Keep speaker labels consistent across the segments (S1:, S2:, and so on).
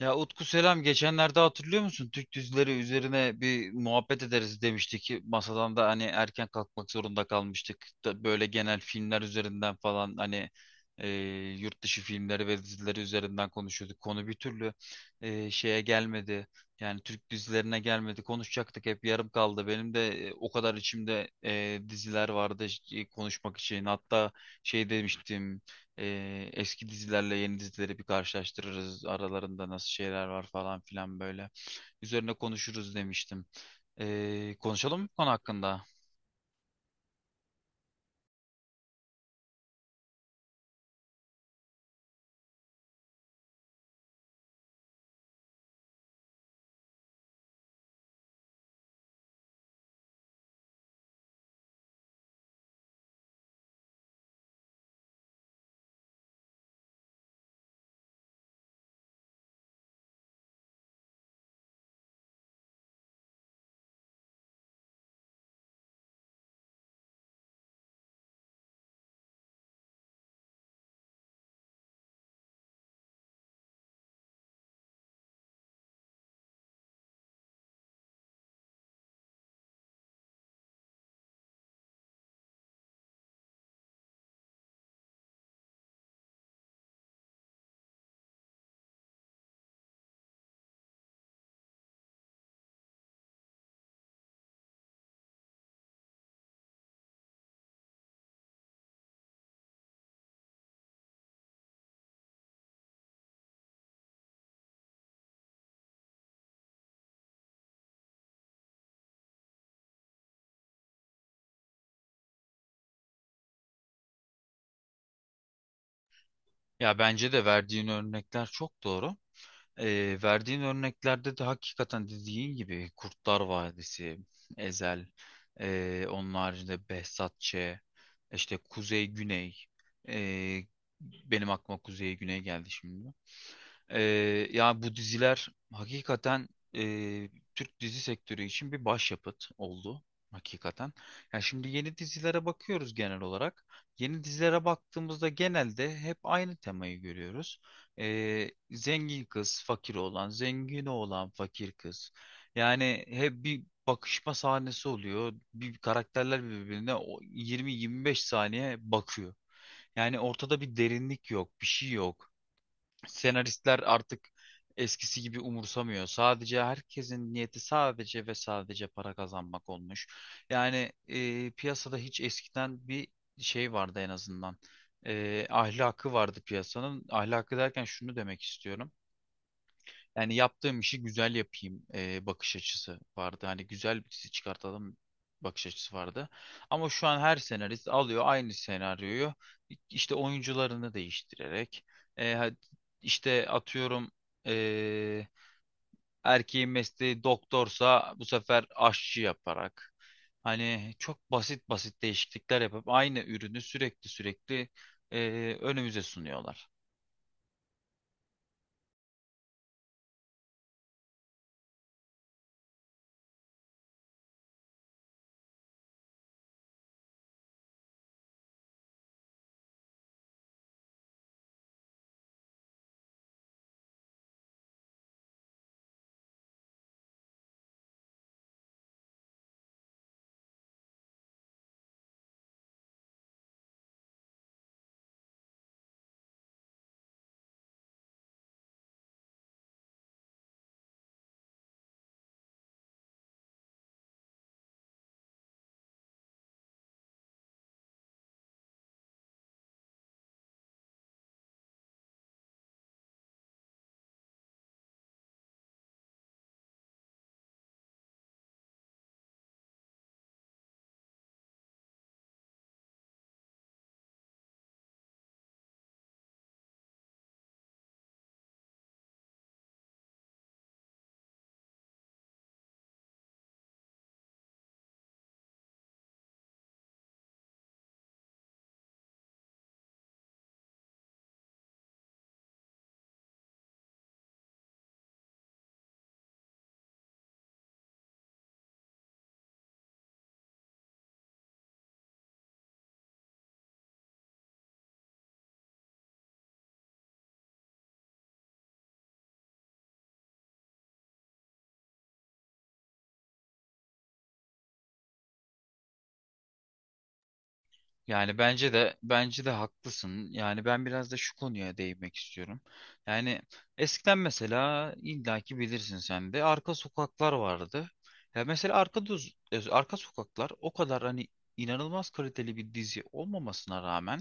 S1: Ya Utku, selam. Geçenlerde hatırlıyor musun? Türk dizileri üzerine bir muhabbet ederiz demiştik. Ki masadan da hani erken kalkmak zorunda kalmıştık. Da böyle genel filmler üzerinden falan hani e, yurt dışı filmleri ve dizileri üzerinden konuşuyorduk. Konu bir türlü şeye gelmedi. Yani Türk dizilerine gelmedi. Konuşacaktık, hep yarım kaldı. Benim de o kadar içimde diziler vardı konuşmak için. Hatta şey demiştim. Eski dizilerle yeni dizileri bir karşılaştırırız. Aralarında nasıl şeyler var falan filan böyle. Üzerine konuşuruz demiştim. Konuşalım mı bu konu hakkında? Ya bence de verdiğin örnekler çok doğru. Verdiğin örneklerde de hakikaten dediğin gibi Kurtlar Vadisi, Ezel, onun haricinde Behzat Ç, işte Kuzey Güney. Ee, Benim aklıma Kuzey Güney geldi şimdi. Ee, Ya bu diziler hakikaten e, Türk dizi sektörü için bir başyapıt oldu hakikaten. Yani şimdi yeni dizilere bakıyoruz genel olarak. Yeni dizilere baktığımızda genelde hep aynı temayı görüyoruz. Zengin kız, fakir oğlan, zengin oğlan, fakir kız. Yani hep bir bakışma sahnesi oluyor. Bir karakterler birbirine o 20-25 saniye bakıyor. Yani ortada bir derinlik yok, bir şey yok, senaristler artık eskisi gibi umursamıyor. Sadece herkesin niyeti sadece ve sadece para kazanmak olmuş. Yani piyasada hiç eskiden bir şey vardı en azından. Ahlakı vardı piyasanın. Ahlakı derken şunu demek istiyorum. Yani yaptığım işi güzel yapayım bakış açısı vardı. Hani güzel bir dizi çıkartalım bakış açısı vardı. Ama şu an her senarist alıyor aynı senaryoyu, işte oyuncularını değiştirerek e, ha- işte atıyorum, e, erkeğin mesleği doktorsa bu sefer aşçı yaparak, hani çok basit basit değişiklikler yapıp aynı ürünü sürekli sürekli e, önümüze sunuyorlar. Yani bence de bence de haklısın. Yani ben biraz da şu konuya değinmek istiyorum. Yani eskiden mesela illaki bilirsin sen de arka sokaklar vardı. Ya mesela arka sokaklar o kadar hani inanılmaz kaliteli bir dizi olmamasına rağmen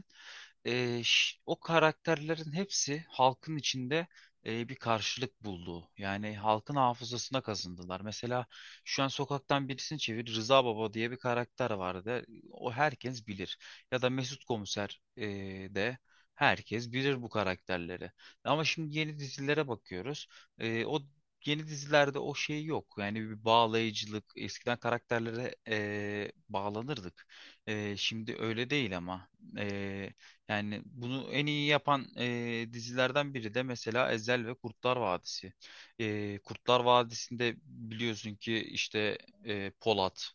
S1: o karakterlerin hepsi halkın içinde bir karşılık buldu. Yani halkın hafızasına kazındılar. Mesela şu an sokaktan birisini çevir, Rıza Baba diye bir karakter vardı. O, herkes bilir. Ya da Mesut Komiser, de herkes bilir bu karakterleri. Ama şimdi yeni dizilere bakıyoruz. O yeni dizilerde o şey yok. Yani bir bağlayıcılık. Eskiden karakterlere bağlanırdık. Şimdi öyle değil ama. E, Yani bunu en iyi yapan dizilerden biri de mesela Ezel ve Kurtlar Vadisi. Kurtlar Vadisi'nde biliyorsun ki işte Polat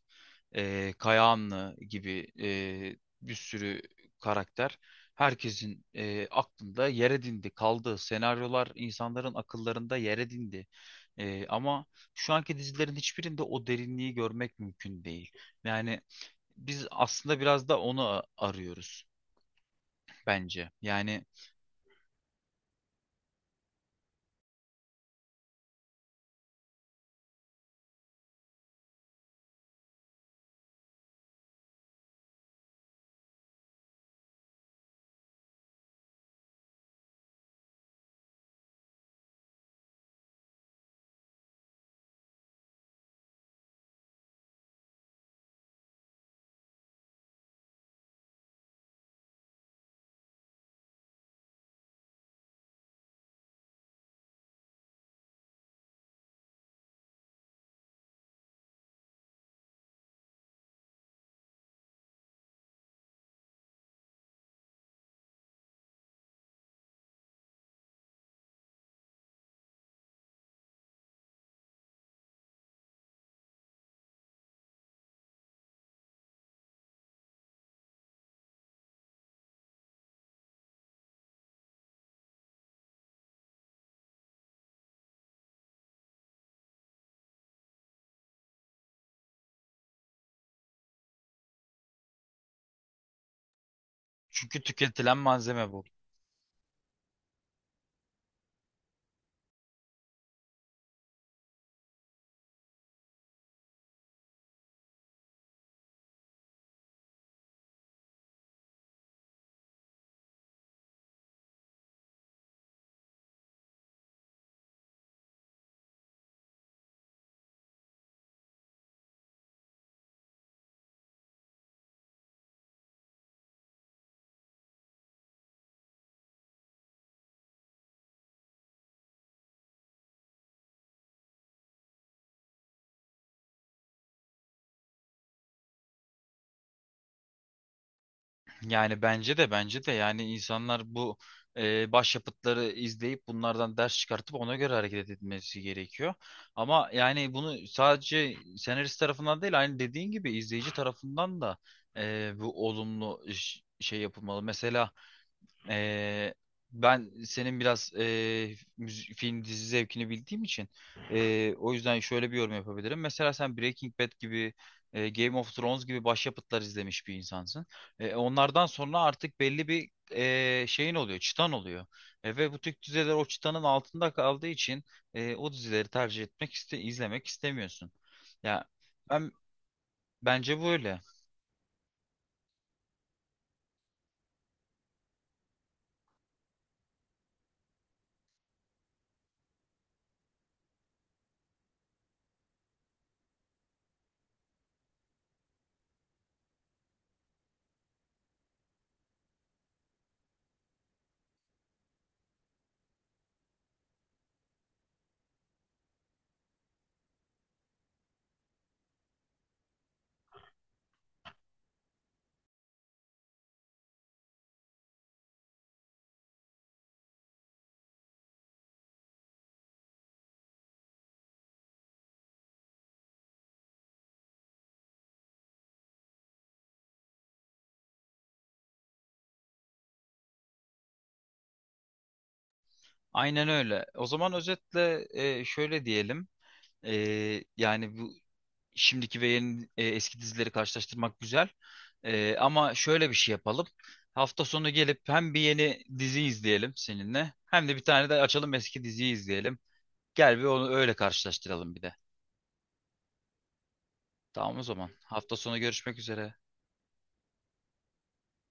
S1: e, Kayahanlı gibi bir sürü karakter herkesin aklında yer edindi, kaldı. Senaryolar insanların akıllarında yer edindi. Ama şu anki dizilerin hiçbirinde o derinliği görmek mümkün değil. Yani biz aslında biraz da onu arıyoruz bence. Yani çünkü tüketilen malzeme bu. Yani bence de bence de yani insanlar bu başyapıtları izleyip bunlardan ders çıkartıp ona göre hareket etmesi gerekiyor. Ama yani bunu sadece senarist tarafından değil, aynı dediğin gibi izleyici tarafından da bu olumlu şey yapılmalı. Mesela Eee, ben senin biraz film dizi zevkini bildiğim için o yüzden şöyle bir yorum yapabilirim. Mesela sen Breaking Bad gibi, Game of Thrones gibi başyapıtlar izlemiş bir insansın. Onlardan sonra artık belli bir şeyin oluyor, çıtan oluyor. Ve bu tür diziler o çıtanın altında kaldığı için o dizileri tercih etmek izlemek istemiyorsun. Ya ben, bence böyle. Aynen öyle. O zaman özetle şöyle diyelim. Yani bu şimdiki ve eski dizileri karşılaştırmak güzel. Ama şöyle bir şey yapalım. Hafta sonu gelip hem bir yeni dizi izleyelim seninle, hem de bir tane de açalım, eski diziyi izleyelim. Gel bir onu öyle karşılaştıralım bir de. Tamam, o zaman. Hafta sonu görüşmek üzere.